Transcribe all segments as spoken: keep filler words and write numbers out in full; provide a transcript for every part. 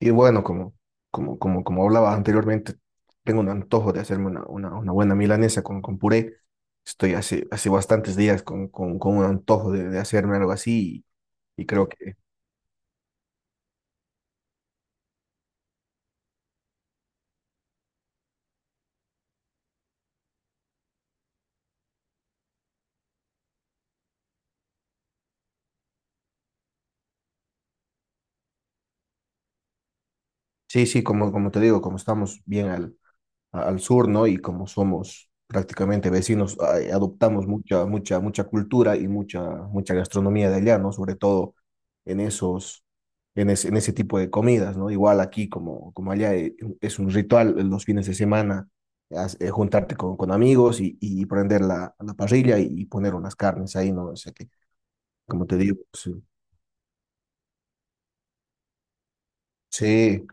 Y bueno, como, como, como, como hablaba anteriormente, tengo un antojo de hacerme una, una, una buena milanesa con, con puré. Estoy hace, hace bastantes días con, con, con un antojo de, de hacerme algo así y, y creo que sí, sí, como, como te digo, como estamos bien al, a- al sur, ¿no? Y como somos prácticamente vecinos, a- adoptamos mucha, mucha, mucha cultura y mucha, mucha gastronomía de allá, ¿no? Sobre todo en esos, en ese, en ese tipo de comidas, ¿no? Igual aquí como, como allá eh, es un ritual en los fines de semana, as- eh, juntarte con, con amigos y, y prender la, la parrilla y, y poner unas carnes ahí, ¿no? O sea que, como te digo, sí, sí,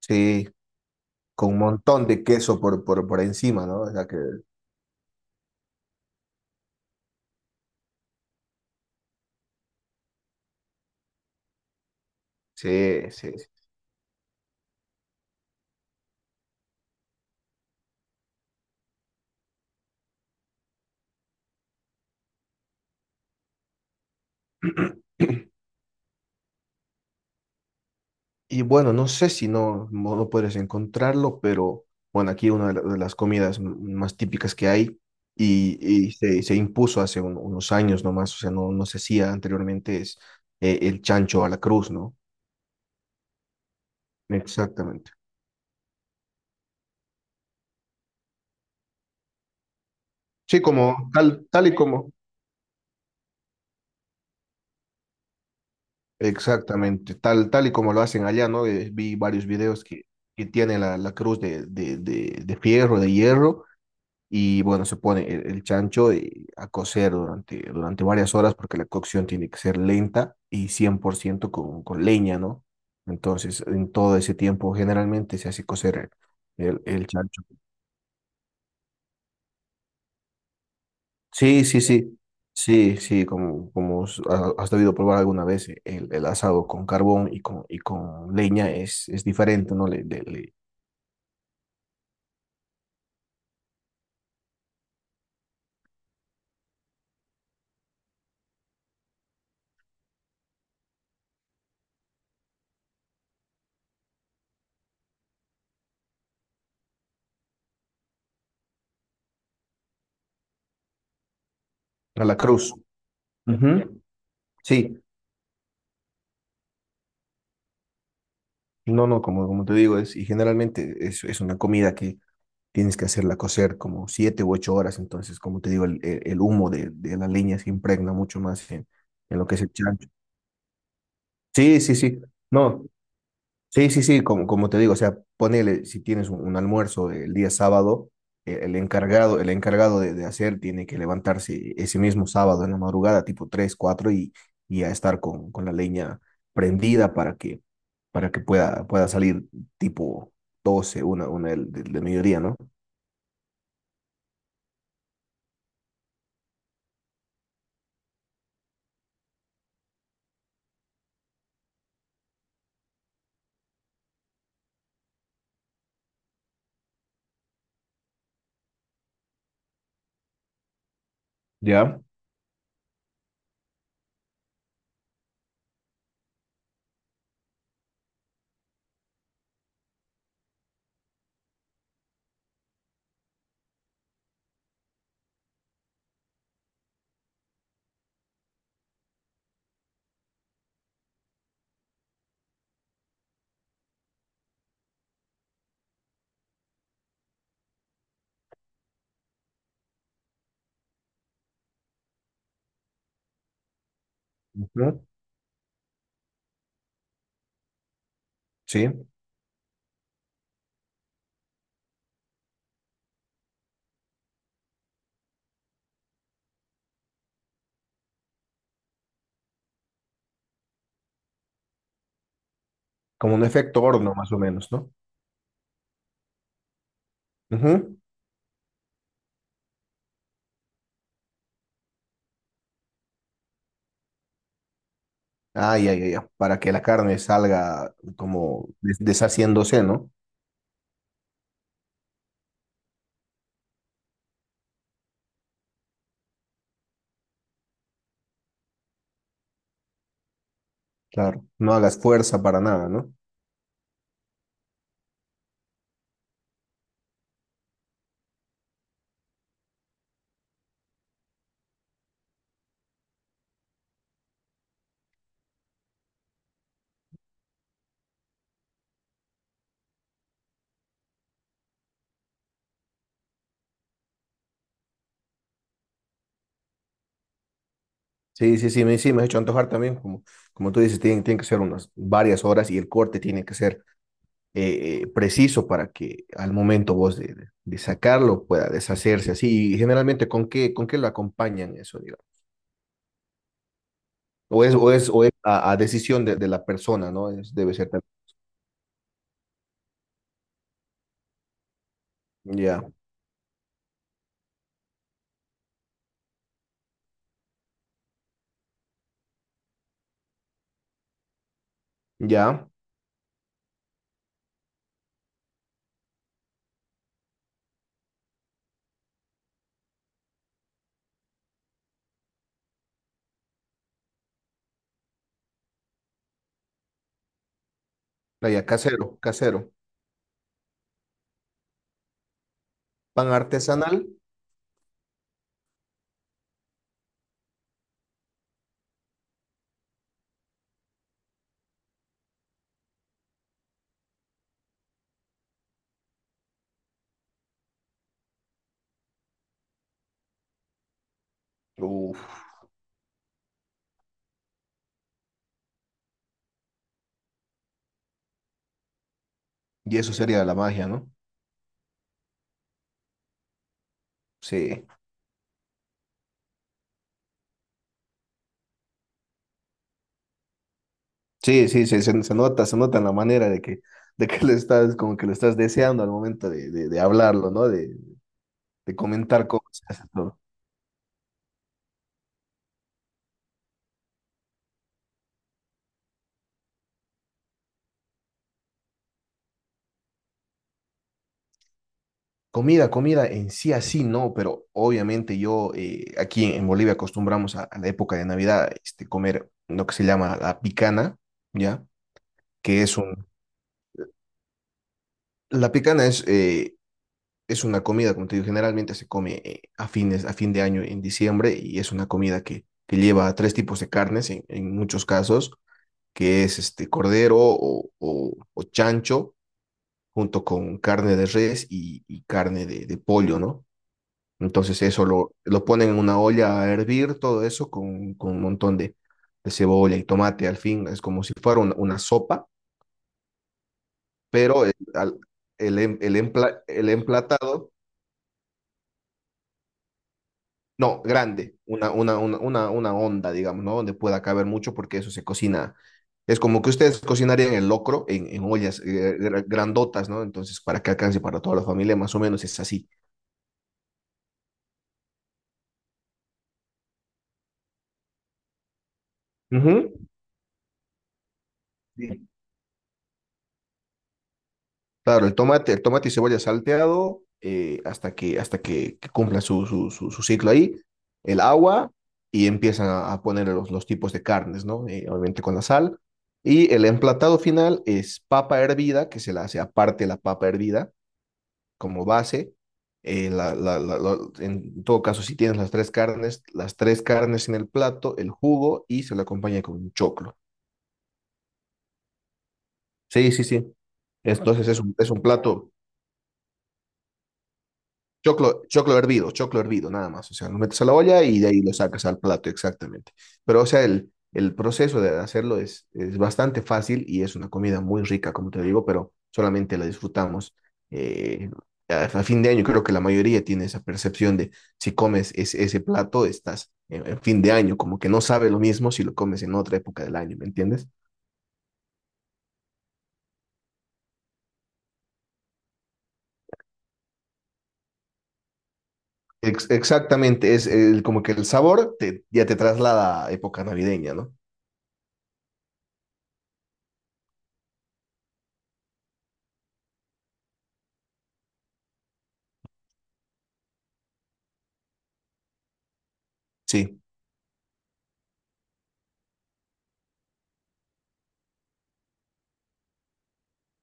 sí, con un montón de queso por, por, por encima, ¿no? O sea que, sí, sí. Sí. Y bueno, no sé si no, no no puedes encontrarlo, pero bueno, aquí una de, la- de las comidas m- más típicas que hay y, y se, se impuso hace un- unos años nomás, o sea, no, no se hacía anteriormente, es eh, el chancho a la cruz, ¿no? Exactamente. Sí, como tal, tal y como, exactamente, tal, tal y como lo hacen allá, ¿no? Eh, vi varios videos que, que tiene la, la cruz de, de, de, de fierro, de hierro y bueno, se pone el, el chancho eh, a cocer durante, durante varias horas porque la cocción tiene que ser lenta y cien por ciento con, con leña, ¿no? Entonces, en todo ese tiempo generalmente se hace cocer el, el chancho. Sí, sí, sí, sí, sí, como, como s- ha- has debido probar alguna vez, eh, el, el asado con carbón y con, y con leña es, es diferente, ¿no? Le, le- le- a la cruz. Ujú. Sí, no, no, como, como te digo, es, y generalmente es, es una comida que tienes que hacerla cocer como siete u ocho horas, entonces, como te digo, el, el- el humo de, de la leña se impregna mucho más en, en lo que es el chancho. Sí, sí, sí, no, sí, sí, sí, como, como te digo, o sea, ponele, si tienes un, un almuerzo el día sábado, eh, el encargado, el encargado de, de hacer tiene que levantarse ese mismo sábado en la madrugada, tipo tres cuatro y, y a estar con, con la leña prendida para que, para que pueda, pueda salir tipo doce una, una del, del del mediodía, ¿no? Ya. Ujú. Sí. Como un efecto horno, más o menos, ¿no? Ujú. Ah, ya, ya, ya. Para que la carne salga como des- deshaciéndose, ¿no? Claro. No hagas fuerza para nada, ¿no? Sí, sí, sí, me, sí, me has hecho antojar también. Como, como tú dices, tienen, tienen que ser unas varias horas y el corte tiene que ser eh, eh, preciso para que al momento vos de, de- de sacarlo pueda deshacerse así. Y generalmente, ¿con qué, con qué lo acompañan eso, digamos? O es, o es, o es a, a decisión de, de la persona, ¿no? Es, debe ser también. Ya, ya. Ah, ya, casero, casero. Pan artesanal. Uf, y eso sería la magia, ¿no? Sí. Sí, sí, sí, se, se nota, se nota en la manera de que, de que le estás, como que lo estás deseando al momento de, de, de hablarlo, ¿no? De, de comentar cómo se hace todo. Comida, comida en sí así no, pero obviamente yo eh, aquí en Bolivia acostumbramos a, a la época de Navidad este, comer lo que se llama la picana, ¿ya? Que es un... La picana es eh, es una comida, como te digo, generalmente se come eh, a fines, a fin de año en diciembre y es una comida que, que lleva tres tipos de carnes en, en muchos casos, que es este cordero o, o, o chancho junto con carne de res y, y carne de, de pollo, ¿no? Entonces eso lo, lo ponen en una olla a hervir, todo eso con, con un montón de, de cebolla y tomate, al fin, es como si fuera una, una sopa, pero el, al- el em- el empla- el emplatado. No, grande, una, una, una, una, una onda, digamos, ¿no? Donde pueda caber mucho porque eso se cocina. Es como que ustedes cocinarían el locro en, en ollas eh, gra- grandotas, ¿no? Entonces, para que alcance para toda la familia, más o menos es así. Ujú. Sí. Claro, el tomate, el tomate y cebolla salteado eh, hasta que, hasta que, que cumpla su, su, su, su ciclo ahí, el agua y empiezan a, a poner los, los tipos de carnes, ¿no? Eh, obviamente con la sal. Y el emplatado final es papa hervida, que se la hace aparte la papa hervida como base. eh, la- la- la- la- en todo caso, si tienes las tres carnes, las tres carnes, en el plato, el jugo y se lo acompaña con un choclo. Sí, sí, sí. Bueno, entonces es un, es un plato. Choclo, choclo hervido, choclo hervido, nada más. O sea, lo metes a la olla y de ahí lo sacas al plato, exactamente. Pero, o sea, el, el proceso de hacerlo es, es bastante fácil y es una comida muy rica, como te digo, pero solamente la disfrutamos eh, a, a fin de año. Creo que la mayoría tiene esa percepción de si comes ese, ese plato, estás en, en fin de año, como que no sabe lo mismo si lo comes en otra época del año, ¿me entiendes? Ex- exactamente, es el- como que el sabor te, ya te traslada a época navideña, ¿no? Sí.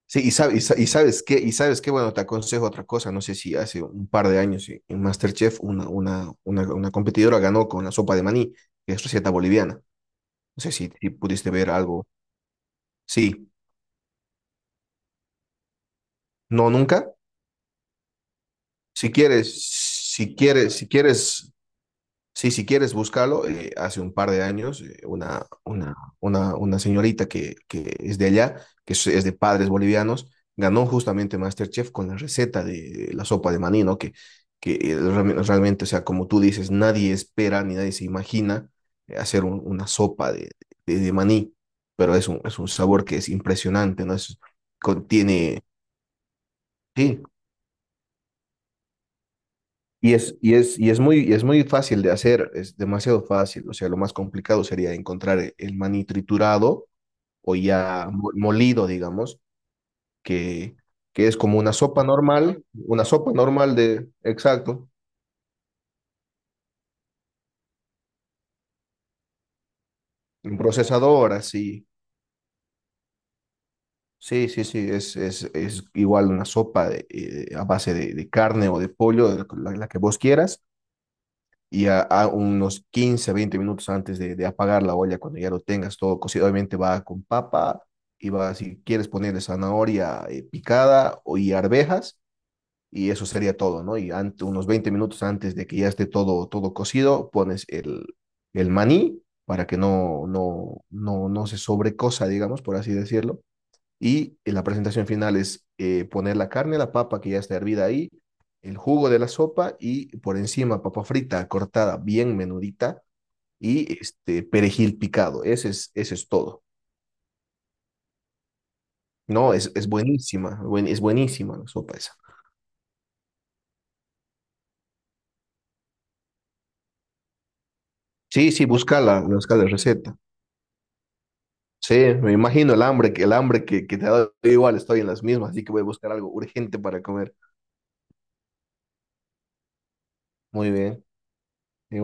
Sí, y, sab- y sa- y sabes qué, y sabes qué, bueno, te aconsejo otra cosa, no sé si hace un par de años sí, en MasterChef una, una, una, una competidora ganó con la sopa de maní, que es receta boliviana. No sé si, si pudiste ver algo. Sí, no, nunca. Si quieres, si quieres, si quieres Sí, si quieres, búscalo. Eh, hace un par de años, eh, una, una, una, una señorita que, que es de allá, que es, es de padres bolivianos, ganó justamente MasterChef con la receta de la sopa de maní, ¿no? Que, que eh, realme- realmente, o sea, como tú dices, nadie espera ni nadie se imagina eh, hacer un- una sopa de, de, de maní, pero es un, es un, sabor que es impresionante, ¿no? Es, contiene, sí, Y es, y es, y es muy, y es muy fácil de hacer, es demasiado fácil. O sea, lo más complicado sería encontrar e- el maní triturado o ya mo- molido, digamos, que, que es como una sopa normal, una sopa normal de, exacto, un procesador, así. Sí, sí, sí, es, es, es igual una sopa de, eh, a base de, de carne o de pollo, de la, la que vos quieras y a, a unos quince veinte minutos antes de, de apagar la olla, cuando ya lo tengas todo cocido, obviamente va con papa y va, si quieres ponerle zanahoria eh, picada o- y arvejas, y eso sería todo, ¿no? Y ante, unos veinte minutos antes de que ya esté todo, todo, cocido, pones el, el maní para que no, no, no, no se sobrecosa, digamos, por así decirlo. Y en la presentación final es eh, poner la carne, la papa que ya está hervida ahí, el jugo de la sopa y por encima papa frita cortada bien menudita y este perejil picado. Ese es, ese es, todo. No, es, es buenísima, buen- es buenísima la sopa esa. Sí, sí, búscala, busca la receta. Sí, me imagino el hambre, que el hambre que, que te ha dado. Yo igual, estoy en las mismas, así que voy a buscar algo urgente para comer. Muy bien, igual.